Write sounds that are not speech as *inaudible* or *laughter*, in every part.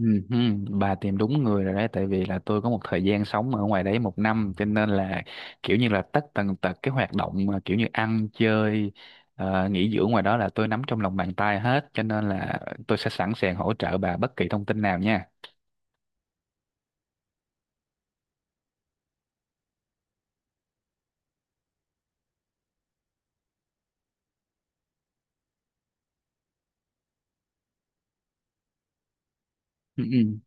Ừ, ừ, bà tìm đúng người rồi đấy tại vì là tôi có một thời gian sống ở ngoài đấy một năm cho nên là kiểu như là tất tần tật cái hoạt động mà kiểu như ăn chơi, nghỉ dưỡng ngoài đó là tôi nắm trong lòng bàn tay hết cho nên là tôi sẽ sẵn sàng hỗ trợ bà bất kỳ thông tin nào nha. Ừ, ừ,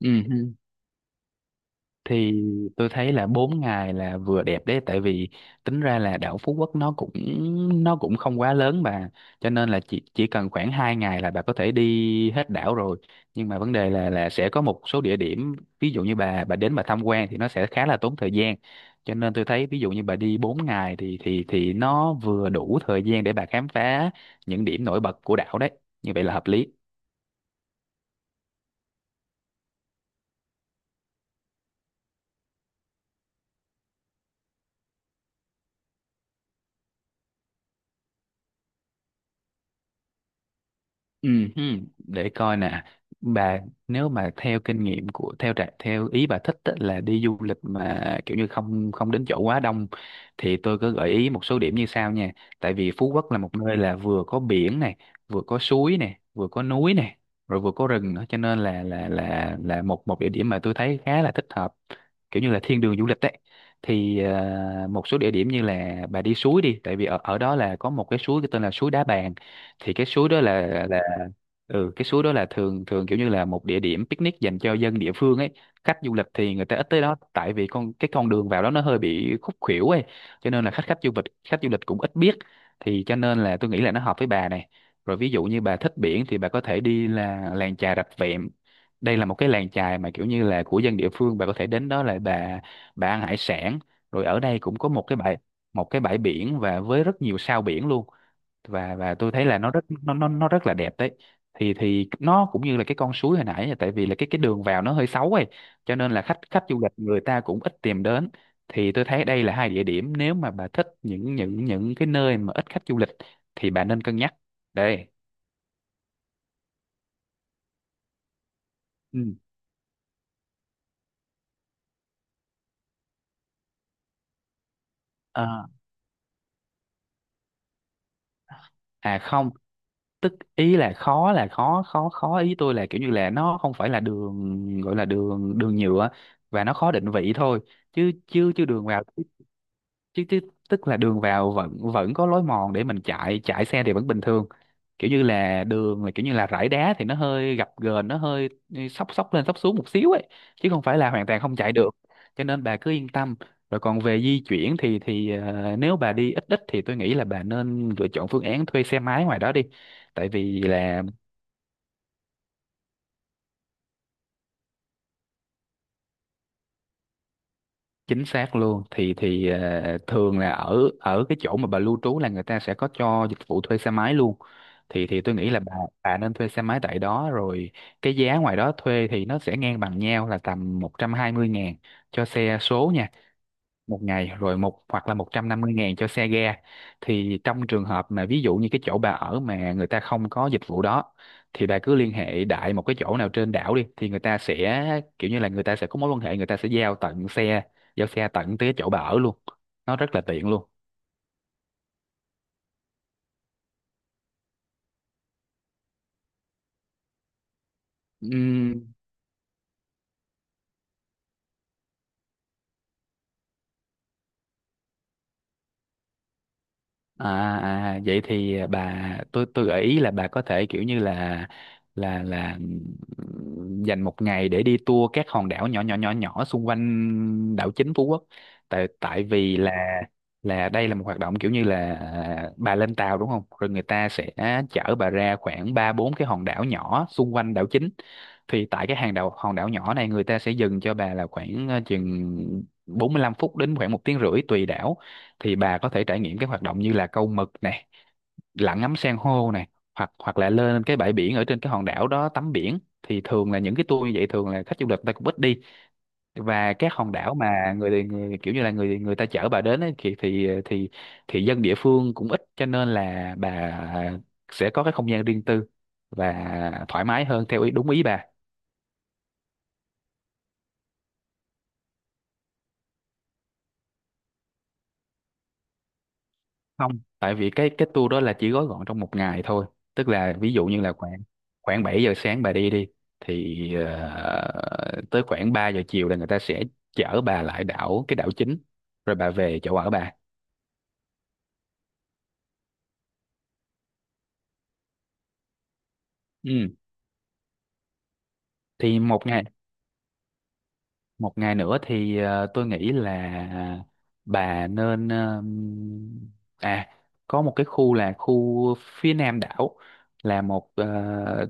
ừ. Ừ. Thì tôi thấy là 4 ngày là vừa đẹp đấy, tại vì tính ra là đảo Phú Quốc nó cũng không quá lớn bà, cho nên là chỉ cần khoảng 2 ngày là bà có thể đi hết đảo rồi, nhưng mà vấn đề là sẽ có một số địa điểm ví dụ như bà đến bà tham quan thì nó sẽ khá là tốn thời gian, cho nên tôi thấy ví dụ như bà đi 4 ngày thì nó vừa đủ thời gian để bà khám phá những điểm nổi bật của đảo đấy, như vậy là hợp lý. Ừ, hừ, để coi nè bà, nếu mà theo kinh nghiệm theo ý bà thích á, là đi du lịch mà kiểu như không không đến chỗ quá đông thì tôi có gợi ý một số điểm như sau nha. Tại vì Phú Quốc là một nơi là vừa có biển này, vừa có suối này, vừa có núi này, rồi vừa có rừng nữa, cho nên là một một địa điểm mà tôi thấy khá là thích hợp, kiểu như là thiên đường du lịch đấy. Thì một số địa điểm như là bà đi suối đi, tại vì ở ở đó là có một cái suối tên là suối Đá Bàn. Thì cái suối đó là là ừ cái suối đó là thường thường kiểu như là một địa điểm picnic dành cho dân địa phương ấy, khách du lịch thì người ta ít tới đó tại vì con đường vào đó nó hơi bị khúc khuỷu ấy, cho nên là khách khách du lịch cũng ít biết. Thì cho nên là tôi nghĩ là nó hợp với bà này. Rồi ví dụ như bà thích biển thì bà có thể đi là làng chài Rạch Vẹm, đây là một cái làng chài mà kiểu như là của dân địa phương, bà có thể đến đó là bà ăn hải sản. Rồi ở đây cũng có một cái bãi biển và với rất nhiều sao biển luôn. Và tôi thấy là nó rất là đẹp đấy. Thì nó cũng như là cái con suối hồi nãy, là tại vì là cái đường vào nó hơi xấu ấy, cho nên là khách khách du lịch người ta cũng ít tìm đến. Thì tôi thấy đây là hai địa điểm, nếu mà bà thích những cái nơi mà ít khách du lịch thì bà nên cân nhắc đây. Ừ. à, không, tức ý là khó, là khó khó khó ý tôi là kiểu như là nó không phải là đường gọi là đường đường nhựa và nó khó định vị thôi, chứ chứ chứ đường vào chứ, chứ tức là đường vào vẫn vẫn có lối mòn để mình chạy chạy xe thì vẫn bình thường, kiểu như là đường là kiểu như là rải đá thì nó hơi gập ghềnh, nó hơi xóc xóc lên xóc xuống một xíu ấy, chứ không phải là hoàn toàn không chạy được, cho nên bà cứ yên tâm. Rồi còn về di chuyển thì nếu bà đi ít ít thì tôi nghĩ là bà nên lựa chọn phương án thuê xe máy ngoài đó đi, tại vì là chính xác luôn. Thường là ở ở cái chỗ mà bà lưu trú là người ta sẽ có cho dịch vụ thuê xe máy luôn, thì tôi nghĩ là bà nên thuê xe máy tại đó rồi. Cái giá ngoài đó thuê thì nó sẽ ngang bằng nhau là tầm 120.000 cho xe số nha, một ngày, rồi một, hoặc là 150.000 cho xe ga. Thì trong trường hợp mà ví dụ như cái chỗ bà ở mà người ta không có dịch vụ đó thì bà cứ liên hệ đại một cái chỗ nào trên đảo đi, thì người ta sẽ kiểu như là người ta sẽ có mối quan hệ, người ta sẽ giao tận xe, giao xe tận tới cái chỗ bà ở luôn, nó rất là tiện luôn. Ừm. À, à vậy thì bà, tôi gợi ý là bà có thể kiểu như là là là dành một ngày để đi tour các hòn đảo nhỏ nhỏ nhỏ nhỏ xung quanh đảo chính Phú Quốc. Tại tại vì là đây là một hoạt động, kiểu như là bà lên tàu đúng không, rồi người ta sẽ chở bà ra khoảng ba bốn cái hòn đảo nhỏ xung quanh đảo chính. Thì tại cái hàng đảo hòn đảo nhỏ này người ta sẽ dừng cho bà là khoảng, chừng 45 phút đến khoảng một tiếng rưỡi tùy đảo. Thì bà có thể trải nghiệm các hoạt động như là câu mực này, lặn ngắm san hô này, hoặc hoặc là lên cái bãi biển ở trên cái hòn đảo đó tắm biển. Thì thường là những cái tour như vậy thường là khách du lịch người ta cũng ít đi, và các hòn đảo mà người, người kiểu như là người người ta chở bà đến ấy, thì dân địa phương cũng ít, cho nên là bà sẽ có cái không gian riêng tư và thoải mái hơn theo ý, đúng ý bà. Không, tại vì cái tour đó là chỉ gói gọn trong một ngày thôi, tức là ví dụ như là khoảng khoảng 7 giờ sáng bà đi đi thì tới khoảng 3 giờ chiều là người ta sẽ chở bà lại cái đảo chính rồi bà về chỗ ở bà. Ừ. Thì một ngày, nữa thì tôi nghĩ là à, bà nên, à có một cái khu là phía nam đảo, là một,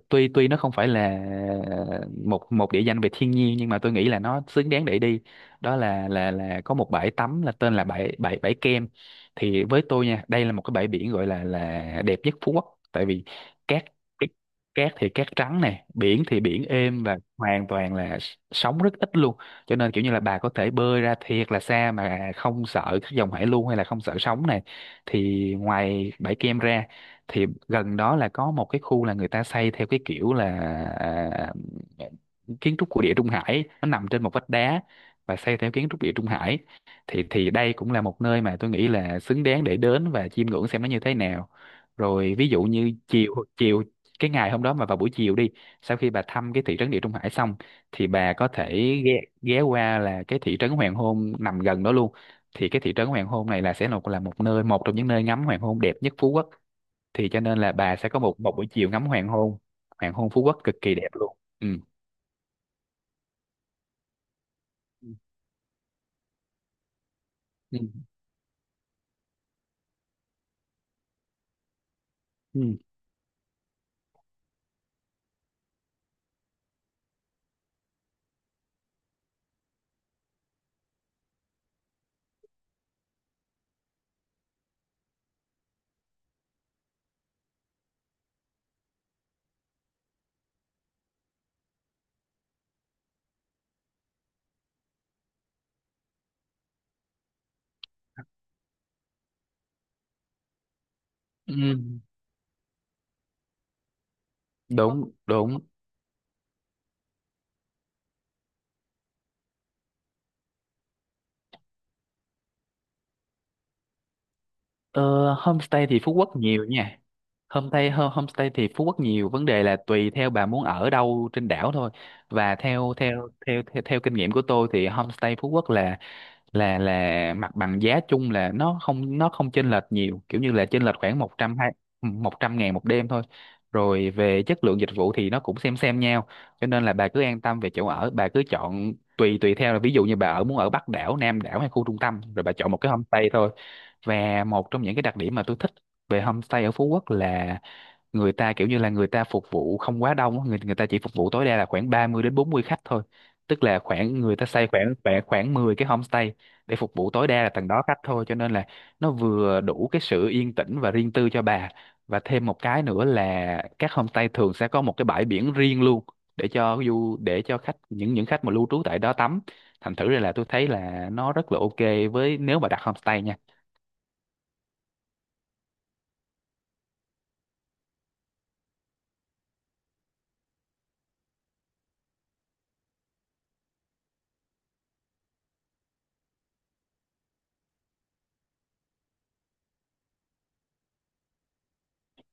tuy tuy nó không phải là một một địa danh về thiên nhiên nhưng mà tôi nghĩ là nó xứng đáng để đi. Đó là có một bãi tắm là tên là bãi bãi bãi Kem. Thì với tôi nha, đây là một cái bãi biển gọi là đẹp nhất Phú Quốc, tại vì cát, thì cát trắng này, biển thì biển êm và hoàn toàn là sóng rất ít luôn, cho nên kiểu như là bà có thể bơi ra thiệt là xa mà không sợ các dòng hải lưu hay là không sợ sóng này. Thì ngoài bãi Kem ra thì gần đó là có một cái khu là người ta xây theo cái kiểu là, à, kiến trúc của Địa Trung Hải, nó nằm trên một vách đá và xây theo kiến trúc Địa Trung Hải. Thì đây cũng là một nơi mà tôi nghĩ là xứng đáng để đến và chiêm ngưỡng xem nó như thế nào. Rồi ví dụ như chiều chiều cái ngày hôm đó mà vào buổi chiều đi, sau khi bà thăm cái thị trấn Địa Trung Hải xong thì bà có thể ghé qua là cái thị trấn hoàng hôn nằm gần đó luôn. Thì cái thị trấn hoàng hôn này là một trong những nơi ngắm hoàng hôn đẹp nhất Phú Quốc, thì cho nên là bà sẽ có một, một buổi chiều ngắm hoàng hôn. Hoàng hôn Phú Quốc cực kỳ đẹp luôn. Ừ. Ừ. Ừ. Ừ. Đúng, đúng. Ờ, Homestay thì Phú Quốc nhiều nha. Homestay thì Phú Quốc nhiều, vấn đề là tùy theo bà muốn ở đâu trên đảo thôi. Và theo theo theo theo, theo kinh nghiệm của tôi thì homestay Phú Quốc là mặt bằng giá chung là nó không chênh lệch nhiều, kiểu như là chênh lệch khoảng 100, hai, 100 ngàn một đêm thôi. Rồi về chất lượng dịch vụ thì nó cũng xem nhau, cho nên là bà cứ an tâm về chỗ ở, bà cứ chọn tùy tùy theo là ví dụ như bà ở, muốn ở Bắc đảo, Nam đảo hay khu trung tâm, rồi bà chọn một cái homestay thôi. Và một trong những cái đặc điểm mà tôi thích về homestay ở Phú Quốc là người ta kiểu như là người ta phục vụ không quá đông á, người người ta chỉ phục vụ tối đa là khoảng 30 đến 40 khách thôi, tức là khoảng người ta xây khoảng khoảng khoảng 10 cái homestay để phục vụ tối đa là tầng đó khách thôi, cho nên là nó vừa đủ cái sự yên tĩnh và riêng tư cho bà. Và thêm một cái nữa là các homestay thường sẽ có một cái bãi biển riêng luôn, để cho để cho khách, những khách mà lưu trú tại đó tắm. Thành thử ra là tôi thấy là nó rất là ok với, nếu mà đặt homestay nha.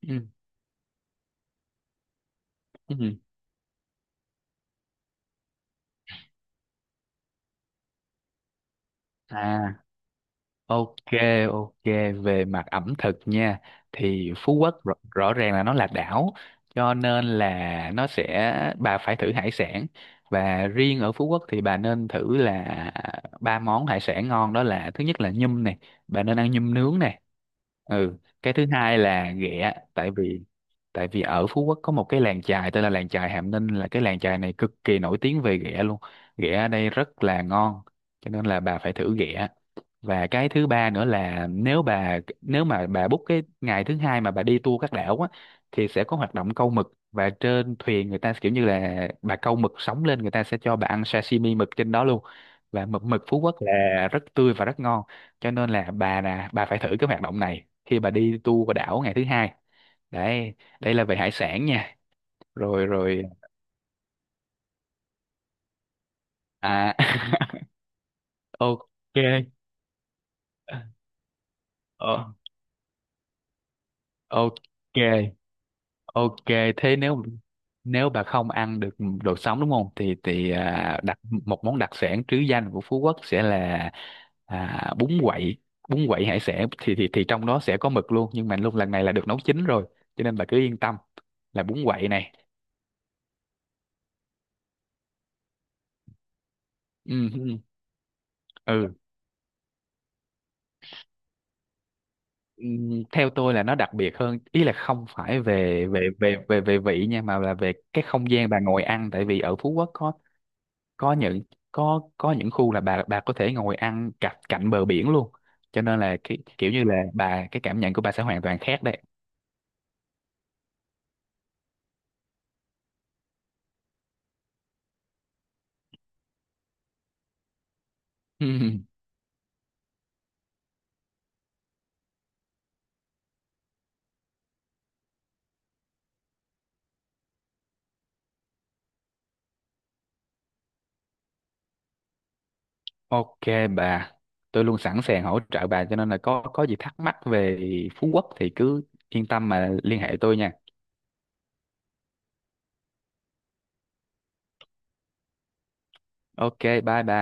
Ừ. Ừ. À, ok, ok, về mặt ẩm thực nha, thì Phú Quốc rõ ràng là nó là đảo cho nên là nó sẽ, bà phải thử hải sản, và riêng ở Phú Quốc thì bà nên thử là ba món hải sản ngon, đó là thứ nhất là nhum này, bà nên ăn nhum nướng này. Ừ, cái thứ hai là ghẹ, tại vì ở Phú Quốc có một cái làng chài tên là làng chài Hàm Ninh, là cái làng chài này cực kỳ nổi tiếng về ghẹ luôn. Ghẹ ở đây rất là ngon cho nên là bà phải thử ghẹ. Và cái thứ ba nữa là, nếu nếu mà bà book cái ngày thứ hai mà bà đi tour các đảo á, thì sẽ có hoạt động câu mực và trên thuyền người ta kiểu như là bà câu mực sống lên, người ta sẽ cho bà ăn sashimi mực trên đó luôn, và mực, Phú Quốc là rất tươi và rất ngon, cho nên là bà nè, bà phải thử cái hoạt động này khi bà đi tour qua đảo ngày thứ hai đấy, đây là về hải sản nha. Rồi rồi, à *laughs* ok. Ờ, ok. Ok, thế nếu, bà không ăn được đồ sống đúng không? Thì à, đặc một món đặc sản trứ danh của Phú Quốc sẽ là, à, bún quậy, bún quậy hải sản, thì trong đó sẽ có mực luôn, nhưng mà luôn lần này là được nấu chín rồi, cho nên bà cứ yên tâm là bún quậy này. Ừ, ừ, ừ. Ừ, theo tôi là nó đặc biệt hơn, ý là không phải về về về về về vị nha, mà là về cái không gian bà ngồi ăn, tại vì ở Phú Quốc có có những có những khu là bà có thể ngồi ăn cạnh cạnh bờ biển luôn, cho nên là cái kiểu như là cái cảm nhận của bà sẽ hoàn toàn khác đấy. *laughs* Ừm, ok bà, tôi luôn sẵn sàng hỗ trợ bà cho nên là có gì thắc mắc về Phú Quốc thì cứ yên tâm mà liên hệ tôi nha. Ok, bye bà.